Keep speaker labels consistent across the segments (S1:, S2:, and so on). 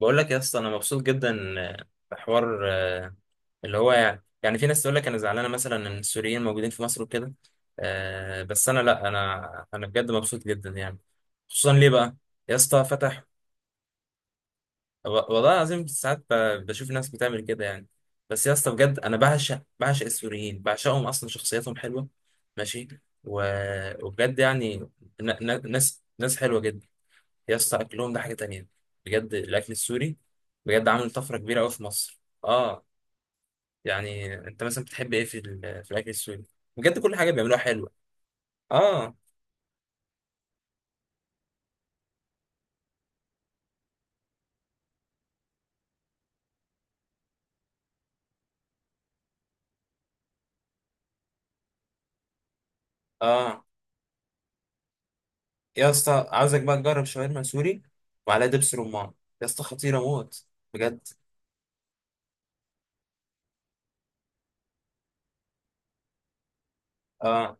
S1: بقول لك يا اسطى انا مبسوط جدا بحوار، اللي هو يعني في ناس تقول لك انا زعلانه مثلا ان السوريين موجودين في مصر وكده. بس انا لا، انا بجد مبسوط جدا يعني. خصوصا ليه بقى يا اسطى؟ فتح. و- والله العظيم ساعات بشوف ناس بتعمل كده يعني. بس يا اسطى بجد انا بعشق بعشق السوريين، بعشقهم. اصلا شخصياتهم حلوه. ماشي. وبجد يعني ناس ناس حلوه جدا. يا اسطى اكلهم ده حاجه تانية. بجد الاكل السوري بجد عامل طفره كبيره قوي في مصر. اه، يعني انت مثلا بتحب ايه في في الاكل السوري؟ بجد كل حاجه بيعملوها حلوه. اه اه. يا اسطى عاوزك بقى تجرب شاورما سوري وعليها دبس رمان. يا اسطى خطيره موت، بجد. اه،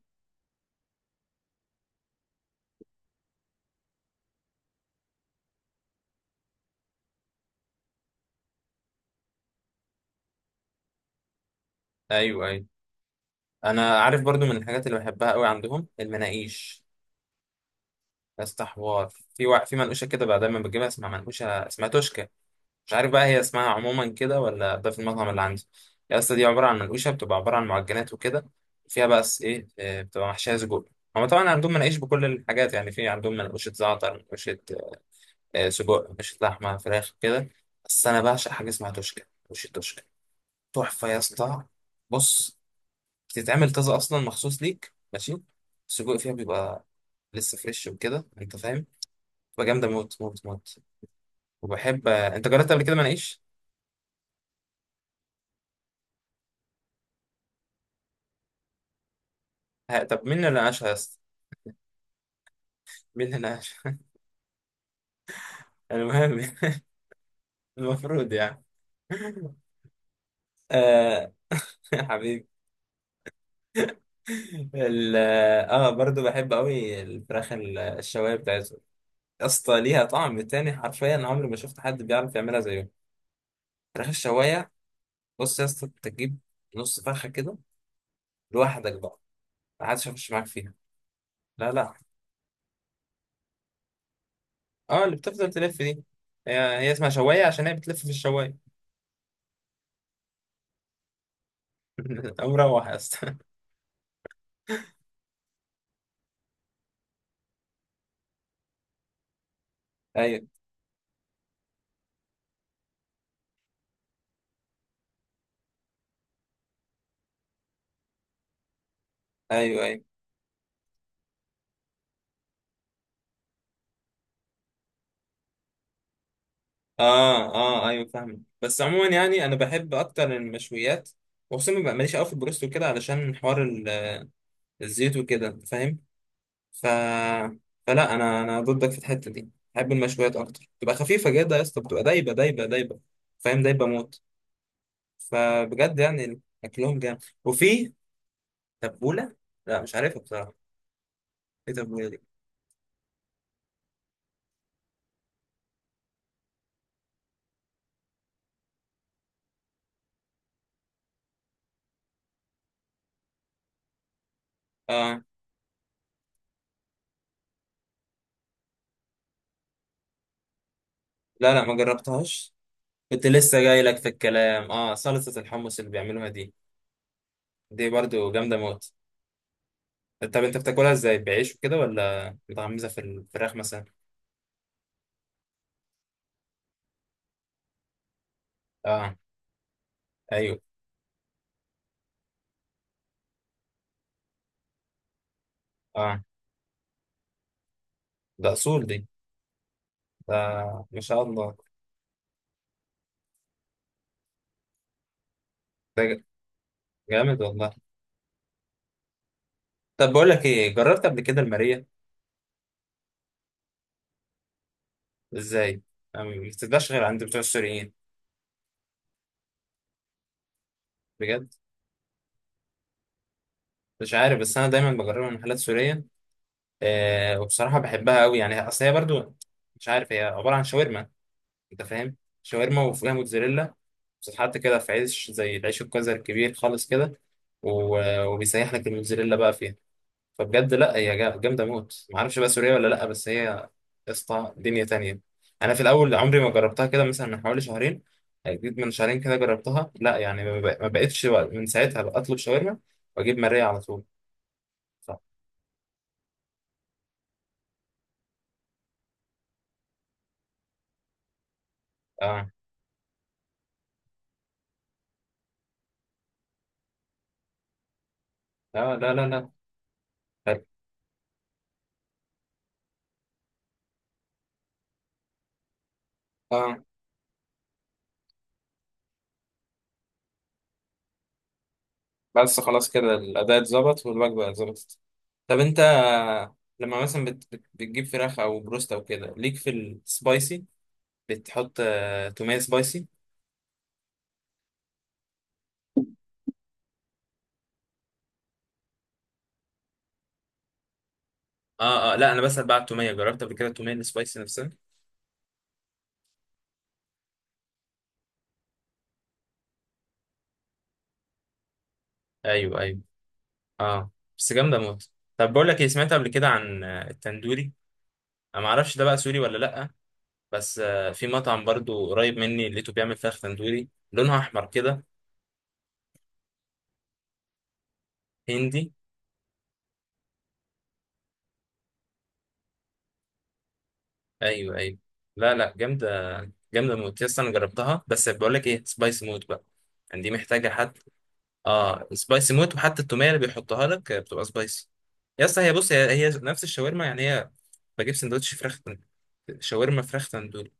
S1: ايوه ايوه. انا عارف برضو من الحاجات اللي بحبها قوي عندهم المناقيش. يا اسطى حوار. في منقوشه كده بقى دايما بجيبها اسمها منقوشه، اسمها توشكا. مش عارف بقى هي اسمها عموما كده ولا ده في المطعم اللي عندي. يا اسطى دي عباره عن منقوشه، بتبقى عباره عن معجنات وكده. فيها بقى ايه، بتبقى محشيه سجق. هما طبعا عندهم مناقيش بكل الحاجات. يعني في عندهم منقوشه زعتر، منقوشه سجق، منقوشه لحمه، فراخ كده. بس انا بعشق حاجه اسمها توشكا، منقوشه توشكا. تحفه يا اسطى. بص، بتتعمل طازه اصلا مخصوص ليك، ماشي. السجق فيها بيبقى لسه فريش وكده، انت فاهم. بتبقى جامده موت موت موت. وبحب. انت جربت قبل كده مناقيش؟ ها، طب مين اللي ناقشها يا اسطى؟ مين هنا؟ المهم. المفروض يعني. آه. يا حبيبي. ال- اه، برضو بحب قوي الفراخ الشوايه بتاعتهم. يا اسطى ليها طعم تاني، حرفيا عمري ما شفت حد بيعرف يعملها زيهم. فراخ الشوايه. بص يا اسطى انت تجيب نص فرخه كده لوحدك بقى، ما حدش هيخش معاك فيها. لا لا، اه اللي بتفضل تلف دي. هي هي اسمها شوايه عشان هي بتلف في الشوايه. مروح يا اسطى ايوه ايوه ايوه. اه اه، ايوه فاهمك، بس عموما يعني انا بحب اكتر المشويات. وخصوصا ببقى ماليش قوي في البروست وكده علشان حوار الزيوت وكده، انت فاهم. ف فلا، انا ضدك في الحته دي، بحب المشويات اكتر. تبقى خفيفه جدا يا اسطى، بتبقى دايبه دايبه دايبه. فاهم، دايبه موت. فبجد يعني اكلهم جامد، وفي تبوله. لا مش عارفها بصراحه، ايه التبوله دي؟ اه. لا لا، ما جربتهاش. كنت لسه جاي لك في الكلام. اه، صلصه الحمص اللي بيعملوها دي، دي برضو جامده موت. طب انت بتاكلها ازاي، بعيش وكده ولا متغمسه في الفراخ مثلا؟ اه. ايوه. اه. ده اصول دي. ده ما شاء الله. ده جامد والله. طب بقول لك ايه، جربت قبل كده الماريه؟ ازاي؟ ما بتتباعش غير عند بتوع السوريين؟ بجد مش عارف، بس انا دايما بجربها من محلات سوريه. آه، وبصراحه بحبها قوي يعني. اصل هي برضو مش عارف، هي عباره عن شاورما، انت فاهم. شاورما وفيها موتزاريلا، بتتحط كده في عيش زي العيش الكوزر الكبير خالص كده. وبيسيح لك الموتزاريلا بقى فيها. فبجد لا، هي جامده موت. ما اعرفش بقى سوريه ولا لا، بس هي يا اسطى دنيا تانية. انا في الاول عمري ما جربتها، كده مثلا من حوالي شهرين. يعني جيت من شهرين كده جربتها. لا يعني ما بقتش بقى، من ساعتها بقى اطلب شاورما واجيب ماريا على طول. صح. اه. لا لا لا لا. حلو. اه، بس خلاص كده الاداء اتظبط والوجبه اتظبطت. طب انت لما مثلا بتجيب فراخ او بروست او كده ليك في السبايسي، بتحط توميه سبايسي؟ اه اه، لا انا بسأل بقى على التوميه. جربت قبل كده التوميه السبايسي نفسها؟ ايوه ايوه. اه بس جامده موت. طب بقول لك ايه، سمعت قبل كده عن التندوري؟ انا ما اعرفش ده بقى سوري ولا لا، بس في مطعم برضو قريب مني لقيته بيعمل فراخ تندوري لونها احمر كده. هندي؟ ايوه ايوه. لا لا، جامده جامده موت. يس انا جربتها. بس بقول لك ايه، سبايسي موت بقى، يعني دي محتاجه حد. اه، سبايسي موت. وحتى التوميه اللي بيحطها لك بتبقى سبايسي. يس هي بص، هي هي نفس الشاورما يعني. هي بجيب سندوتش فراخ، شاورما فراخ تندوري،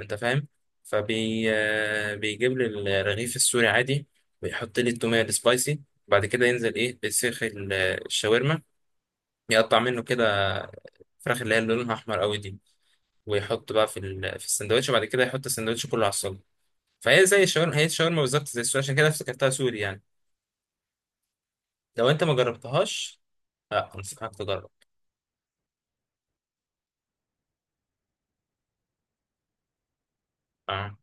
S1: انت فاهم. فبي آه، بيجيب لي الرغيف السوري عادي، ويحط لي التوميه السبايسي. بعد كده ينزل ايه، بسيخ الشاورما. يقطع منه كده فراخ، اللي هي اللي لونها احمر قوي دي. ويحط بقى في في السندوتش، وبعد كده يحط السندوتش كله على الصاج. فهي زي الشاورما، هي الشاورما بالظبط زي السوري، عشان كده افتكرتها سوري يعني. لو انت ما جربتهاش، لا انصحك تجرب. اه.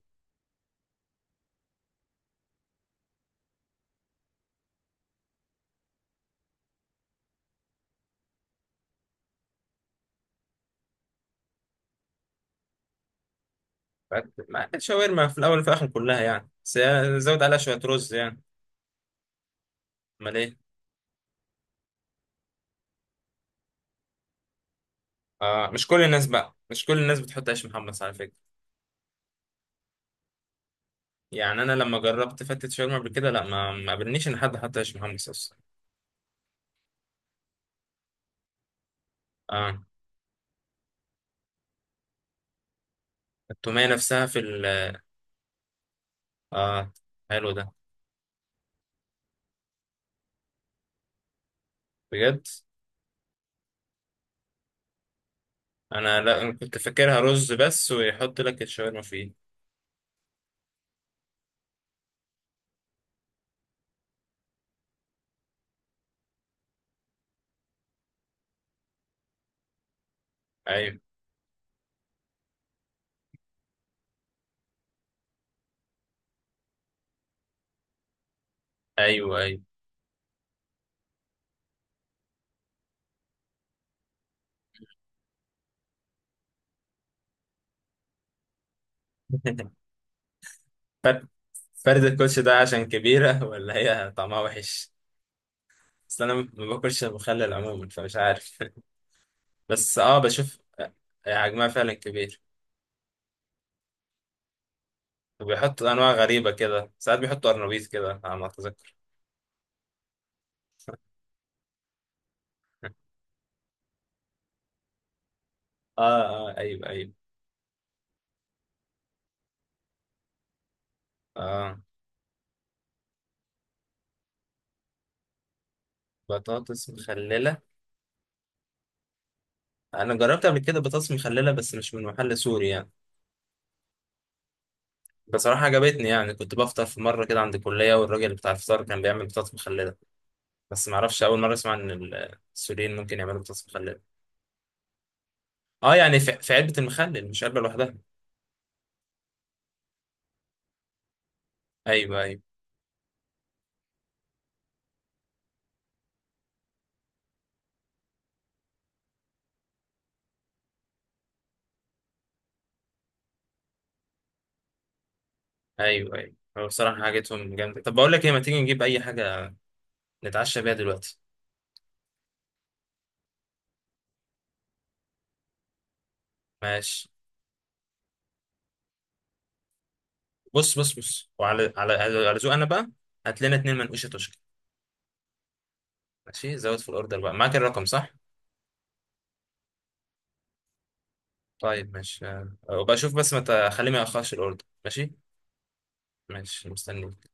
S1: الشاورما في الاول وفي الاخر كلها يعني، بس هي زود عليها شويه رز يعني. امال ايه؟ آه، مش كل الناس بقى، مش كل الناس بتحط عيش محمص على فكرة. يعني أنا لما جربت فتة شاورما قبل كده، لا ما قابلنيش إن حد حط عيش محمص أصلا. آه، التومية نفسها في ال... آه، حلو ده، بجد. أنا لا، أنا كنت فاكرها رز بس ويحط لك الشاورما فيه. أيوه أيوه أيوه. فرد، فرد الكوتش ده عشان كبيرة ولا هي طعمها وحش؟ بس أنا ما باكلش مخلل عموما، فمش عارف. بس آه، بشوف حجمها فعلا كبير. وبيحطوا انواع غريبه كده، ساعات بيحطوا قرنبيط كده على ما اتذكر. اه اه، ايوه ايوه. اه، بطاطس مخلله. انا جربت قبل كده بطاطس مخلله بس مش من محل سوري يعني. بصراحه عجبتني يعني. كنت بفطر في مره كده عند الكليه والراجل بتاع الفطار كان بيعمل بطاطس مخلله. بس ما اعرفش، اول مره اسمع ان السوريين ممكن يعملوا بطاطس مخلله. اه يعني في علبه المخلل، مش علبه لوحدها. ايوه ايوه ايوه ايوه. هو بصراحه حاجتهم جامده. طب بقول لك ايه، ما تيجي نجيب اي حاجه نتعشى بيها دلوقتي؟ ماشي. بص بص بص، وعلى على على على ذوق انا بقى، هات لنا اتنين منقوشه تشكي. ماشي، زود في الاوردر بقى، معاك الرقم صح؟ طيب ماشي، وبشوف بس ما تخليه ما ياخرش الاوردر، ماشي؟ ماشي مستنيك.